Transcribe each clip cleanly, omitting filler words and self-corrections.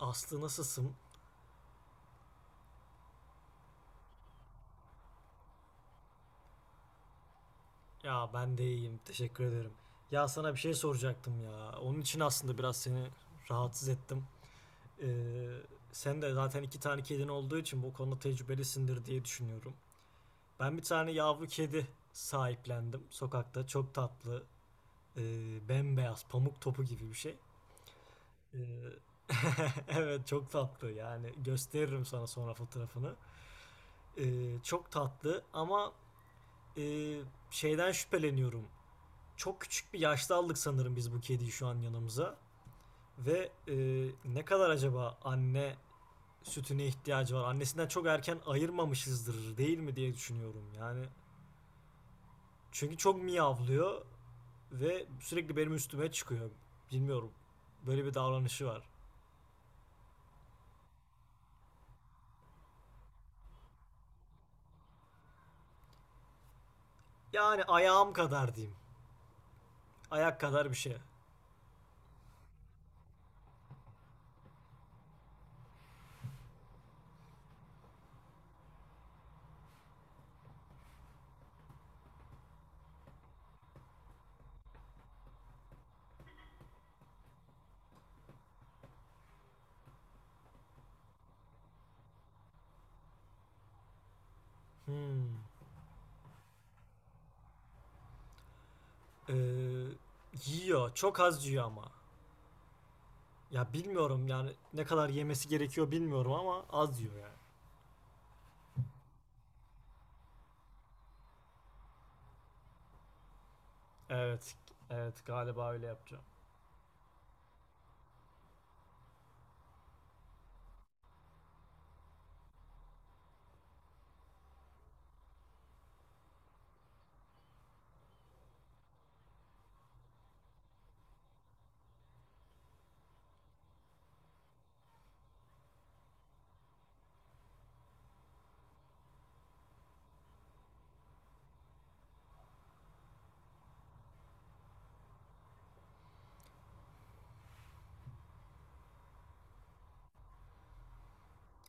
Aslı nasılsın? Ya ben de iyiyim. Teşekkür ederim. Ya sana bir şey soracaktım ya. Onun için aslında biraz seni rahatsız ettim. Ee, sen de zaten iki tane kedin olduğu için bu konuda tecrübelisindir diye düşünüyorum. Ben bir tane yavru kedi sahiplendim sokakta. Çok tatlı. Bembeyaz, pamuk topu gibi bir şey. Ee, evet çok tatlı yani. Gösteririm sana sonra fotoğrafını. Çok tatlı ama e, şeyden şüpheleniyorum. Çok küçük bir yaşta aldık sanırım biz bu kediyi şu an yanımıza. Ve ne kadar acaba anne sütüne ihtiyacı var? Annesinden çok erken ayırmamışızdır değil mi diye düşünüyorum. Yani çünkü çok miyavlıyor ve sürekli benim üstüme çıkıyor. Bilmiyorum. Böyle bir davranışı var. Yani ayağım kadar diyeyim. Ayak kadar bir şey. Hmm. Ee, yiyor. Çok az yiyor ama. Ya bilmiyorum yani ne kadar yemesi gerekiyor bilmiyorum ama az yiyor yani. Evet, evet galiba öyle yapacağım.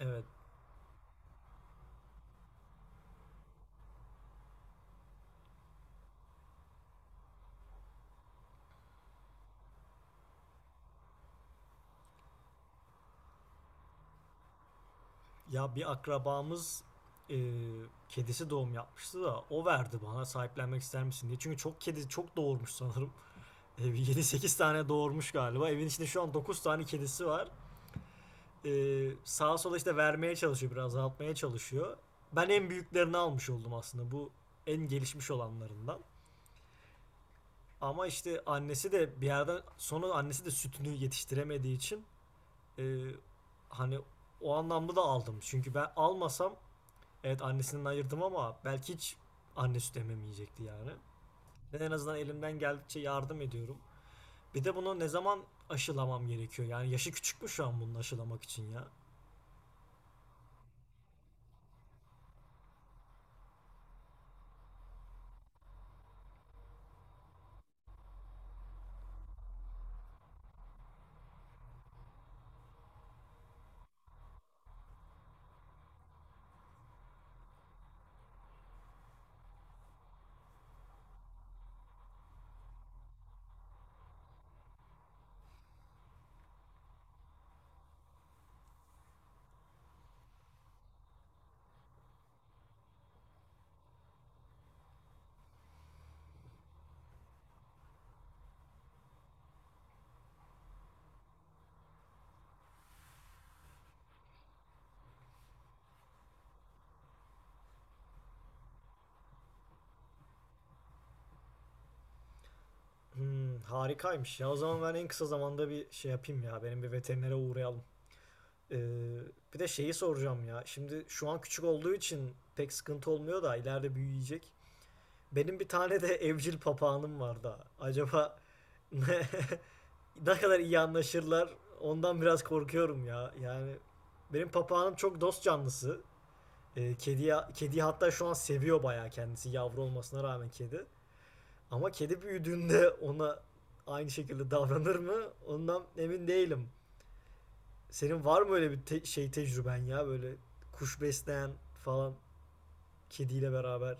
Evet, ya bir akrabamız e, kedisi doğum yapmıştı da o verdi bana sahiplenmek ister misin diye. Çünkü çok kedi çok doğurmuş sanırım. 7-8 tane doğurmuş galiba. Evin içinde şu an 9 tane kedisi var. E, sağa sola işte vermeye çalışıyor, biraz azaltmaya çalışıyor. Ben en büyüklerini almış oldum aslında, bu en gelişmiş olanlarından. Ama işte annesi de bir yerden sonra annesi de sütünü yetiştiremediği için Ee, hani o anlamda da aldım. Çünkü ben almasam, evet annesinden ayırdım ama belki hiç anne süt ememeyecekti yani. Ben en azından elimden geldikçe yardım ediyorum. Bir de bunu ne zaman aşılamam gerekiyor? Yani yaşı küçük mü şu an bunu aşılamak için ya? Hmm, harikaymış ya. O zaman ben en kısa zamanda bir şey yapayım ya. Benim bir veterinere uğrayalım. Ee, bir de şeyi soracağım ya. Şimdi şu an küçük olduğu için pek sıkıntı olmuyor da ileride büyüyecek. Benim bir tane de evcil papağanım var da. Acaba ne kadar iyi anlaşırlar, ondan biraz korkuyorum ya. Yani benim papağanım çok dost canlısı. Kediyi hatta şu an seviyor bayağı kendisi, yavru olmasına rağmen kedi. Ama kedi büyüdüğünde ona aynı şekilde davranır mı? Ondan emin değilim. Senin var mı öyle bir şey tecrüben ya, böyle kuş besleyen falan kediyle beraber?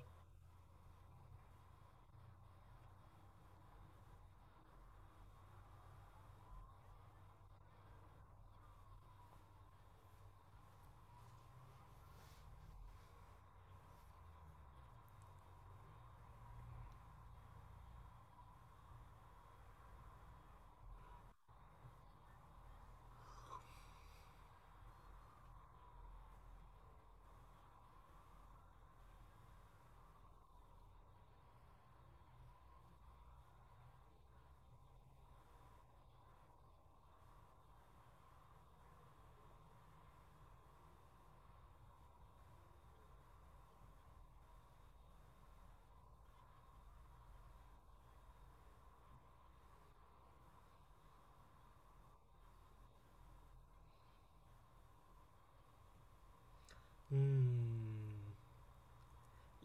Hmm.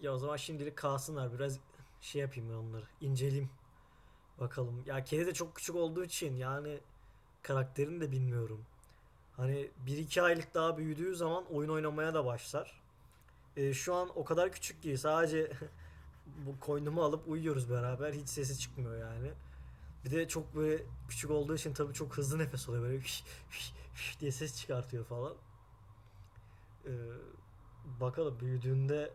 Ya o zaman şimdilik kalsınlar, biraz şey yapayım, ben onları inceleyeyim. Bakalım. Ya kedi de çok küçük olduğu için yani karakterini de bilmiyorum. Hani bir iki aylık daha büyüdüğü zaman oyun oynamaya da başlar. Şu an o kadar küçük ki sadece bu koynumu alıp uyuyoruz beraber. Hiç sesi çıkmıyor yani. Bir de çok böyle küçük olduğu için tabii çok hızlı nefes alıyor. Böyle "Hüş, hüş, hüş" diye ses çıkartıyor falan. E, bakalım büyüdüğünde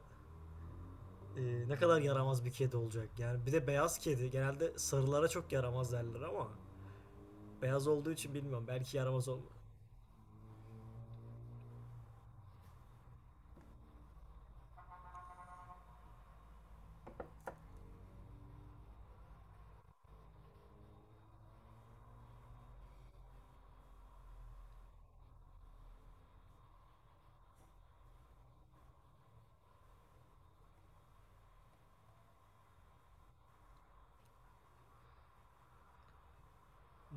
e, ne kadar yaramaz bir kedi olacak. Yani bir de beyaz kedi genelde sarılara çok yaramaz derler ama beyaz olduğu için bilmiyorum, belki yaramaz olmaz.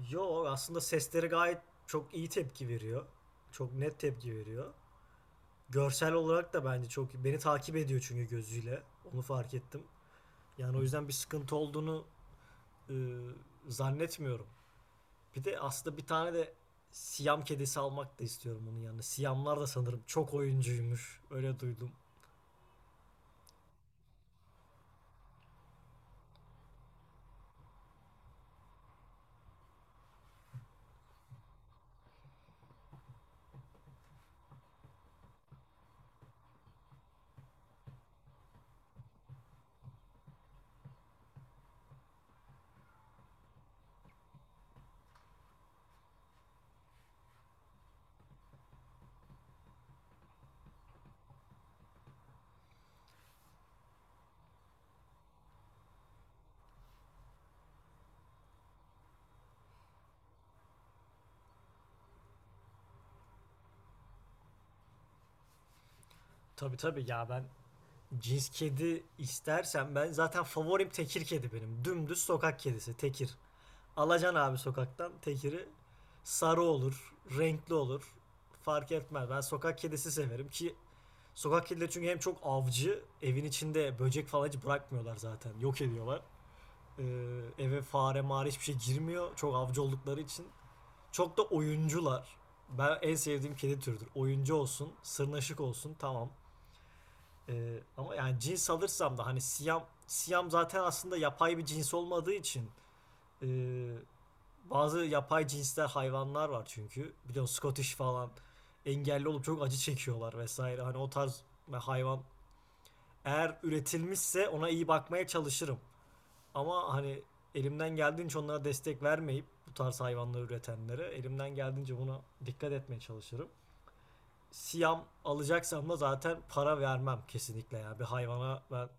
Yo aslında sesleri gayet çok iyi tepki veriyor. Çok net tepki veriyor. Görsel olarak da bence çok beni takip ediyor çünkü gözüyle. Onu fark ettim. Yani o yüzden bir sıkıntı olduğunu e, zannetmiyorum. Bir de aslında bir tane de Siyam kedisi almak da istiyorum onun yanına. Siyamlar da sanırım çok oyuncuymuş. Öyle duydum. Tabii tabii ya, ben cins kedi istersem ben, zaten favorim tekir kedi benim. Dümdüz sokak kedisi tekir. Alacan abi sokaktan tekiri, sarı olur, renkli olur. Fark etmez. Ben sokak kedisi severim ki sokak kedileri çünkü hem çok avcı, evin içinde böcek falan hiç bırakmıyorlar zaten. Yok ediyorlar. Ee, eve fare mağara hiçbir şey girmiyor. Çok avcı oldukları için. Çok da oyuncular. Ben en sevdiğim kedi türüdür. Oyuncu olsun, sırnaşık olsun, tamam. Ama yani cins alırsam da hani siyam siyam zaten aslında yapay bir cins olmadığı için ee, bazı yapay cinsler hayvanlar var çünkü. Biliyorsun Scottish falan engelli olup çok acı çekiyorlar vesaire. Hani o tarz hayvan eğer üretilmişse ona iyi bakmaya çalışırım. Ama hani elimden geldiğince onlara destek vermeyip, bu tarz hayvanları üretenlere elimden geldiğince buna dikkat etmeye çalışırım. Siyam alacaksam da zaten para vermem kesinlikle ya bir hayvana ben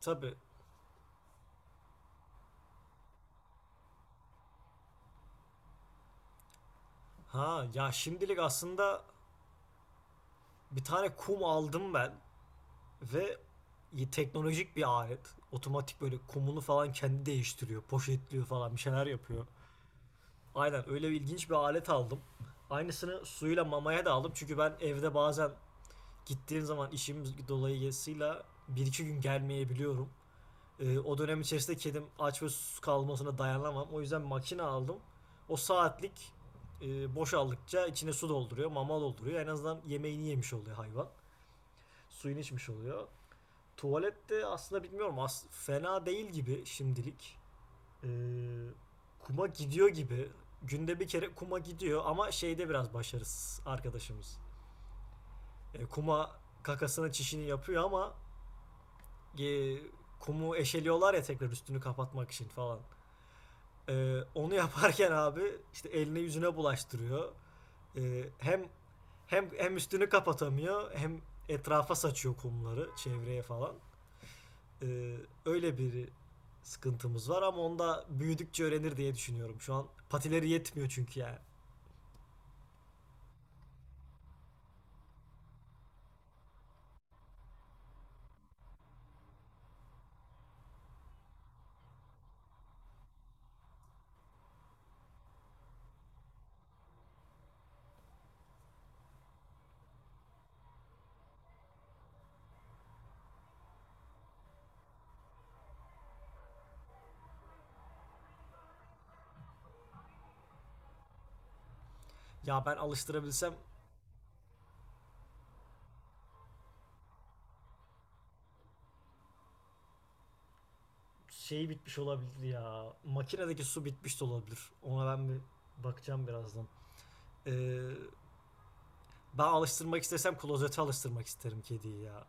tabii. Ha ya, şimdilik aslında bir tane kum aldım ben. Ve teknolojik bir alet. Otomatik böyle kumunu falan kendi değiştiriyor. Poşetliyor falan, bir şeyler yapıyor. Aynen öyle bir ilginç bir alet aldım. Aynısını suyla mamaya da aldım. Çünkü ben evde bazen, gittiğim zaman işim dolayısıyla, bir iki gün gelmeyebiliyorum. O dönem içerisinde kedim aç ve susuz kalmasına dayanamam. O yüzden makine aldım. O saatlik boşaldıkça içine su dolduruyor, mama dolduruyor. En azından yemeğini yemiş oluyor hayvan. Suyunu içmiş oluyor. Tuvalette aslında bilmiyorum, as fena değil gibi şimdilik. Ee, kuma gidiyor gibi. Günde bir kere kuma gidiyor ama şeyde biraz başarısız arkadaşımız. Kuma kakasını çişini yapıyor ama e, kumu eşeliyorlar ya, tekrar üstünü kapatmak için falan. Onu yaparken abi işte eline yüzüne bulaştırıyor. Ee, hem hem üstünü kapatamıyor, hem etrafa saçıyor kumları çevreye falan. Ee, öyle bir sıkıntımız var ama onda büyüdükçe öğrenir diye düşünüyorum. Şu an patileri yetmiyor çünkü yani. Ya ben alıştırabilsem, şeyi bitmiş olabilir ya. Makinedeki su bitmiş de olabilir. Ona ben bir bakacağım birazdan. Ee, ben alıştırmak istesem klozete alıştırmak isterim kediyi ya.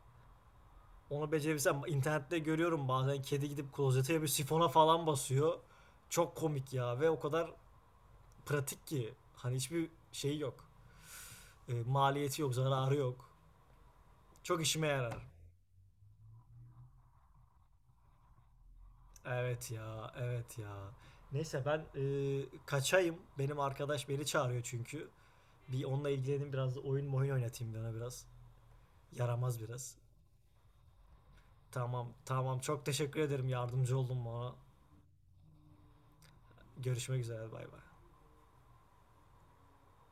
Onu becerebilsem, internette görüyorum bazen kedi gidip klozete bir sifona falan basıyor. Çok komik ya, ve o kadar pratik ki. Hani hiçbir şey yok. Maliyeti yok, zararı yok. Çok işime yarar. Evet ya, evet ya. Neyse ben kaçayım. Benim arkadaş beni çağırıyor çünkü. Bir onunla ilgileneyim, biraz da oyun mu oyun oynatayım bir ona biraz. Yaramaz biraz. Tamam, tamam. Çok teşekkür ederim. Yardımcı oldun bana. Görüşmek üzere. Bay bay.